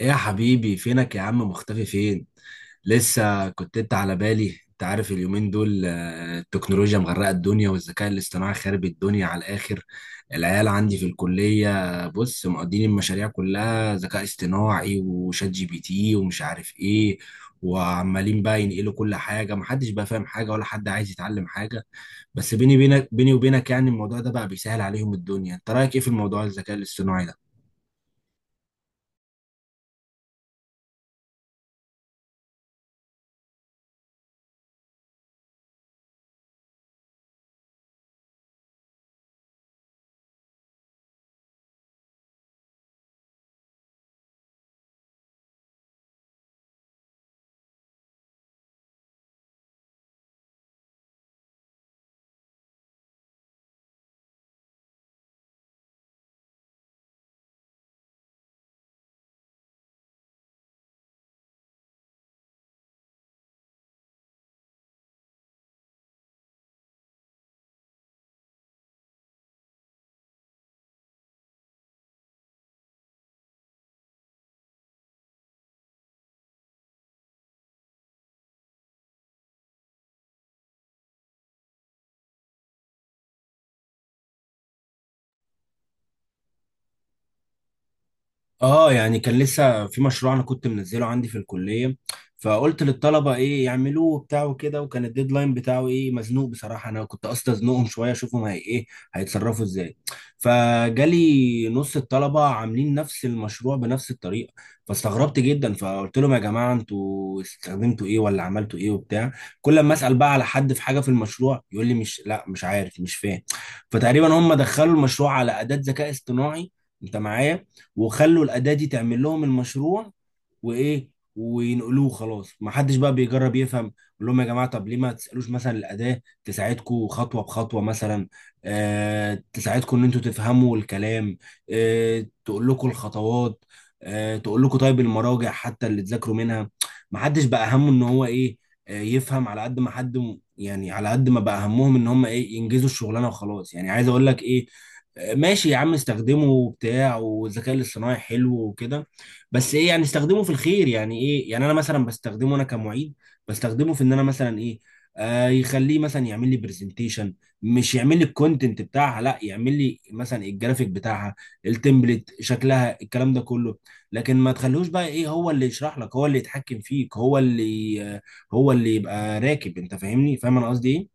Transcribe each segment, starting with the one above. ايه يا حبيبي، فينك يا عم؟ مختفي فين؟ لسه كنت انت على بالي. انت عارف اليومين دول، التكنولوجيا مغرقه الدنيا والذكاء الاصطناعي خارب الدنيا على الاخر. العيال عندي في الكليه، بص، مقضين المشاريع كلها ذكاء اصطناعي وشات جي بي تي ومش عارف ايه، وعمالين بقى ينقلوا كل حاجه، محدش بقى فاهم حاجه ولا حد عايز يتعلم حاجه. بس بيني بينك، بيني وبينك يعني الموضوع ده بقى بيسهل عليهم الدنيا. انت رايك ايه في الموضوع، الذكاء الاصطناعي ده؟ اه يعني كان لسه في مشروع انا كنت منزله عندي في الكليه، فقلت للطلبه ايه يعملوه وبتاع وكده، وكان الديدلاين بتاعه ايه، مزنوق بصراحه. انا كنت قصدي ازنقهم شويه اشوفهم هي ايه، هيتصرفوا ازاي. فجالي نص الطلبه عاملين نفس المشروع بنفس الطريقه، فاستغربت جدا. فقلت لهم: يا جماعه انتوا استخدمتوا ايه ولا عملتوا ايه وبتاع؟ كل ما اسال بقى على حد في حاجه في المشروع يقول لي مش لا مش عارف مش فاهم. فتقريبا هم دخلوا المشروع على اداه ذكاء اصطناعي، انت معايا؟ وخلوا الاداه دي تعمل لهم المشروع وايه، وينقلوه خلاص. ما حدش بقى بيجرب يفهم. يقول لهم يا جماعه، طب ليه ما تسالوش مثلا الاداه تساعدكم خطوه بخطوه مثلا، آه تساعدكم ان انتوا تفهموا الكلام، آه تقول لكم الخطوات، آه تقول لكم طيب المراجع حتى اللي تذاكروا منها. ما حدش بقى همه ان هو ايه، آه يفهم على قد ما حد يعني على قد ما بقى همهم ان هم ايه، ينجزوا الشغلانه وخلاص. يعني عايز اقول لك ايه، ماشي يا عم، استخدمه وبتاع والذكاء الاصطناعي حلو وكده، بس ايه يعني استخدمه في الخير. يعني ايه؟ يعني انا مثلا بستخدمه، انا كمعيد بستخدمه في ان انا مثلا ايه، آه يخليه مثلا يعمل لي برزنتيشن. مش يعمل لي الكونتنت بتاعها، لا، يعمل لي مثلا الجرافيك بتاعها، التمبلت، شكلها، الكلام ده كله. لكن ما تخلوش بقى ايه هو اللي يشرح لك، هو اللي يتحكم فيك، هو اللي هو اللي يبقى راكب. انت فاهمني؟ فاهم انا قصدي ايه؟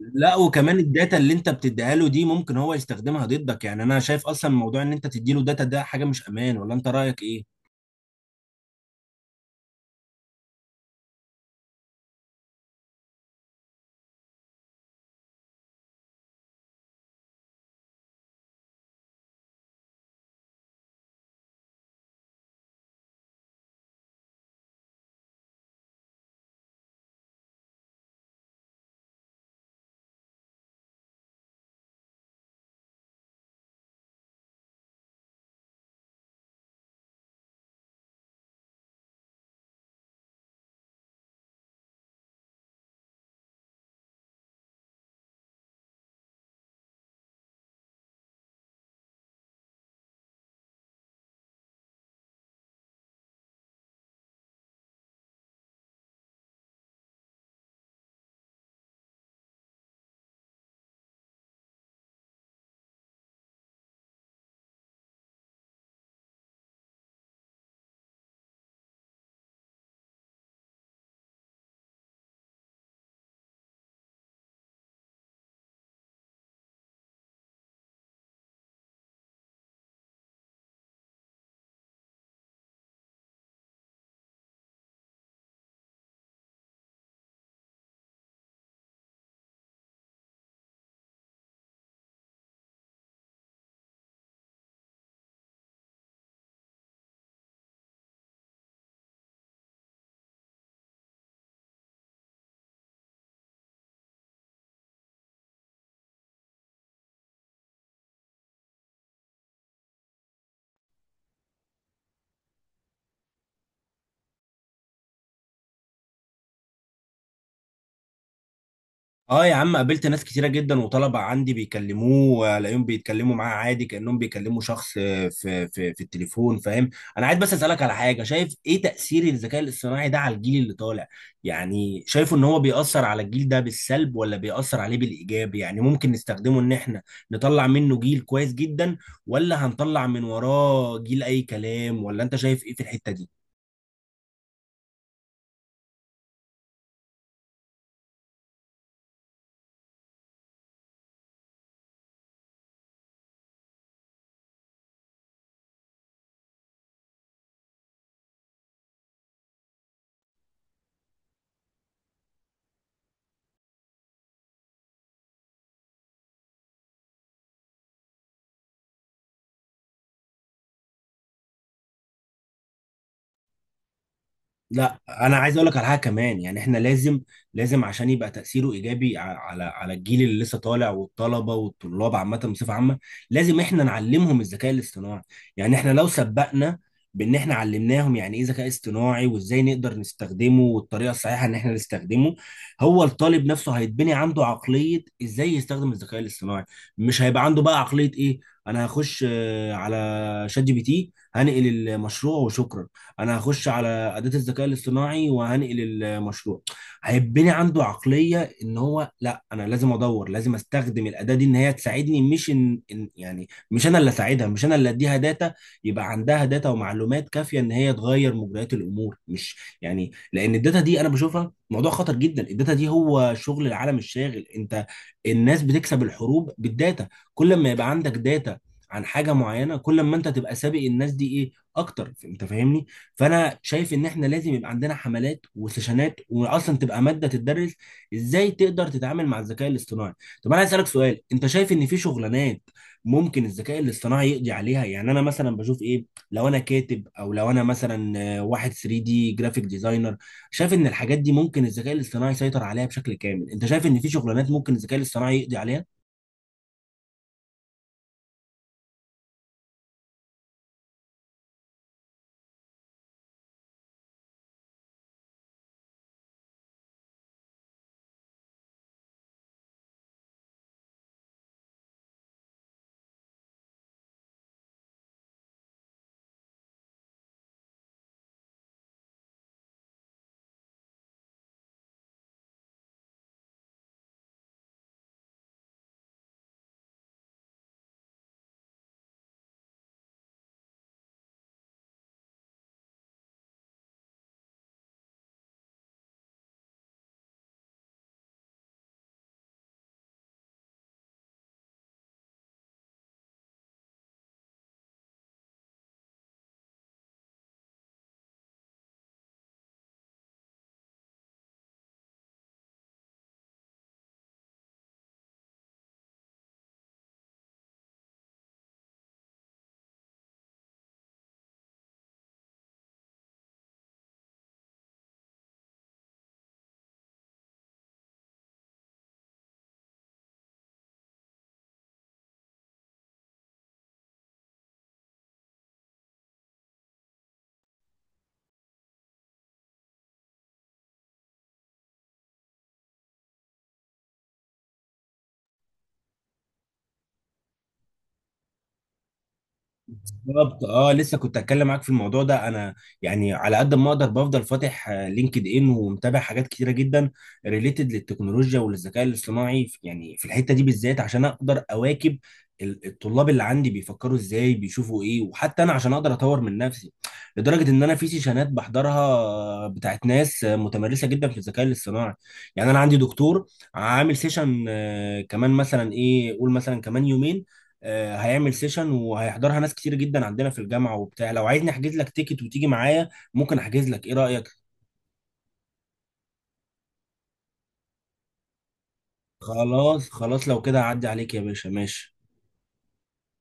لا، وكمان الداتا اللي انت بتديها له دي ممكن هو يستخدمها ضدك. يعني انا شايف اصلا موضوع ان انت تدي له داتا ده حاجة مش امان، ولا انت رأيك ايه؟ اه يا عم، قابلت ناس كتيرة جدا وطلبة عندي بيكلموه، الاقيهم بيتكلموا معاه عادي كأنهم بيكلموا شخص في في التليفون، فاهم. انا عايز بس اسألك على حاجة، شايف ايه تأثير الذكاء الاصطناعي ده على الجيل اللي طالع؟ يعني شايفه ان هو بيأثر على الجيل ده بالسلب ولا بيأثر عليه بالإيجاب؟ يعني ممكن نستخدمه ان احنا نطلع منه جيل كويس جدا، ولا هنطلع من وراه جيل اي كلام، ولا انت شايف ايه في الحتة دي؟ لا انا عايز اقول لك على حاجه كمان، يعني احنا لازم عشان يبقى تاثيره ايجابي على الجيل اللي لسه طالع والطلبه والطلاب عامه بصفه عامه، لازم احنا نعلمهم الذكاء الاصطناعي. يعني احنا لو سبقنا بان احنا علمناهم يعني ايه ذكاء اصطناعي وازاي نقدر نستخدمه والطريقه الصحيحه ان احنا نستخدمه، هو الطالب نفسه هيتبني عنده عقليه ازاي يستخدم الذكاء الاصطناعي. مش هيبقى عنده بقى عقليه ايه، انا هخش على شات جي بي تي هنقل المشروع وشكرا. انا هخش على اداه الذكاء الاصطناعي وهنقل المشروع. هيبني عنده عقليه ان هو لا، انا لازم ادور، لازم استخدم الاداه دي ان هي تساعدني، مش يعني مش انا اللي اساعدها، مش انا اللي اديها داتا يبقى عندها داتا ومعلومات كافيه ان هي تغير مجريات الامور. مش يعني، لان الداتا دي انا بشوفها موضوع خطر جدا. الداتا دي هو شغل العالم الشاغل، انت، الناس بتكسب الحروب بالداتا. كل ما يبقى عندك داتا عن حاجه معينه، كل ما انت تبقى سابق الناس دي ايه، اكتر. انت فاهمني؟ فانا شايف ان احنا لازم يبقى عندنا حملات وسيشنات، واصلا تبقى ماده تدرس ازاي تقدر تتعامل مع الذكاء الاصطناعي. طب انا عايز اسالك سؤال، انت شايف ان في شغلانات ممكن الذكاء الاصطناعي يقضي عليها؟ يعني انا مثلا بشوف ايه، لو انا كاتب او لو انا مثلا واحد 3 دي جرافيك ديزاينر، شايف ان الحاجات دي ممكن الذكاء الاصطناعي يسيطر عليها بشكل كامل. انت شايف ان في شغلانات ممكن الذكاء الاصطناعي يقضي عليها؟ بالظبط، اه، لسه كنت هتكلم معاك في الموضوع ده. انا يعني على قد ما اقدر بفضل فاتح لينكد ان ومتابع حاجات كتيره جدا ريليتد للتكنولوجيا وللذكاء الاصطناعي يعني في الحته دي بالذات عشان اقدر اواكب الطلاب اللي عندي بيفكروا ازاي بيشوفوا ايه، وحتى انا عشان اقدر اطور من نفسي، لدرجه ان انا في سيشنات بحضرها، بتاعت ناس متمرسه جدا في الذكاء الاصطناعي. يعني انا عندي دكتور عامل سيشن كمان، مثلا ايه قول، مثلا كمان يومين هيعمل سيشن، وهيحضرها ناس كتير جدا عندنا في الجامعة وبتاع. لو عايزني احجز لك تيكت وتيجي معايا، ممكن احجز لك، ايه رأيك؟ خلاص خلاص، لو كده هعدي عليك يا باشا، ماشي.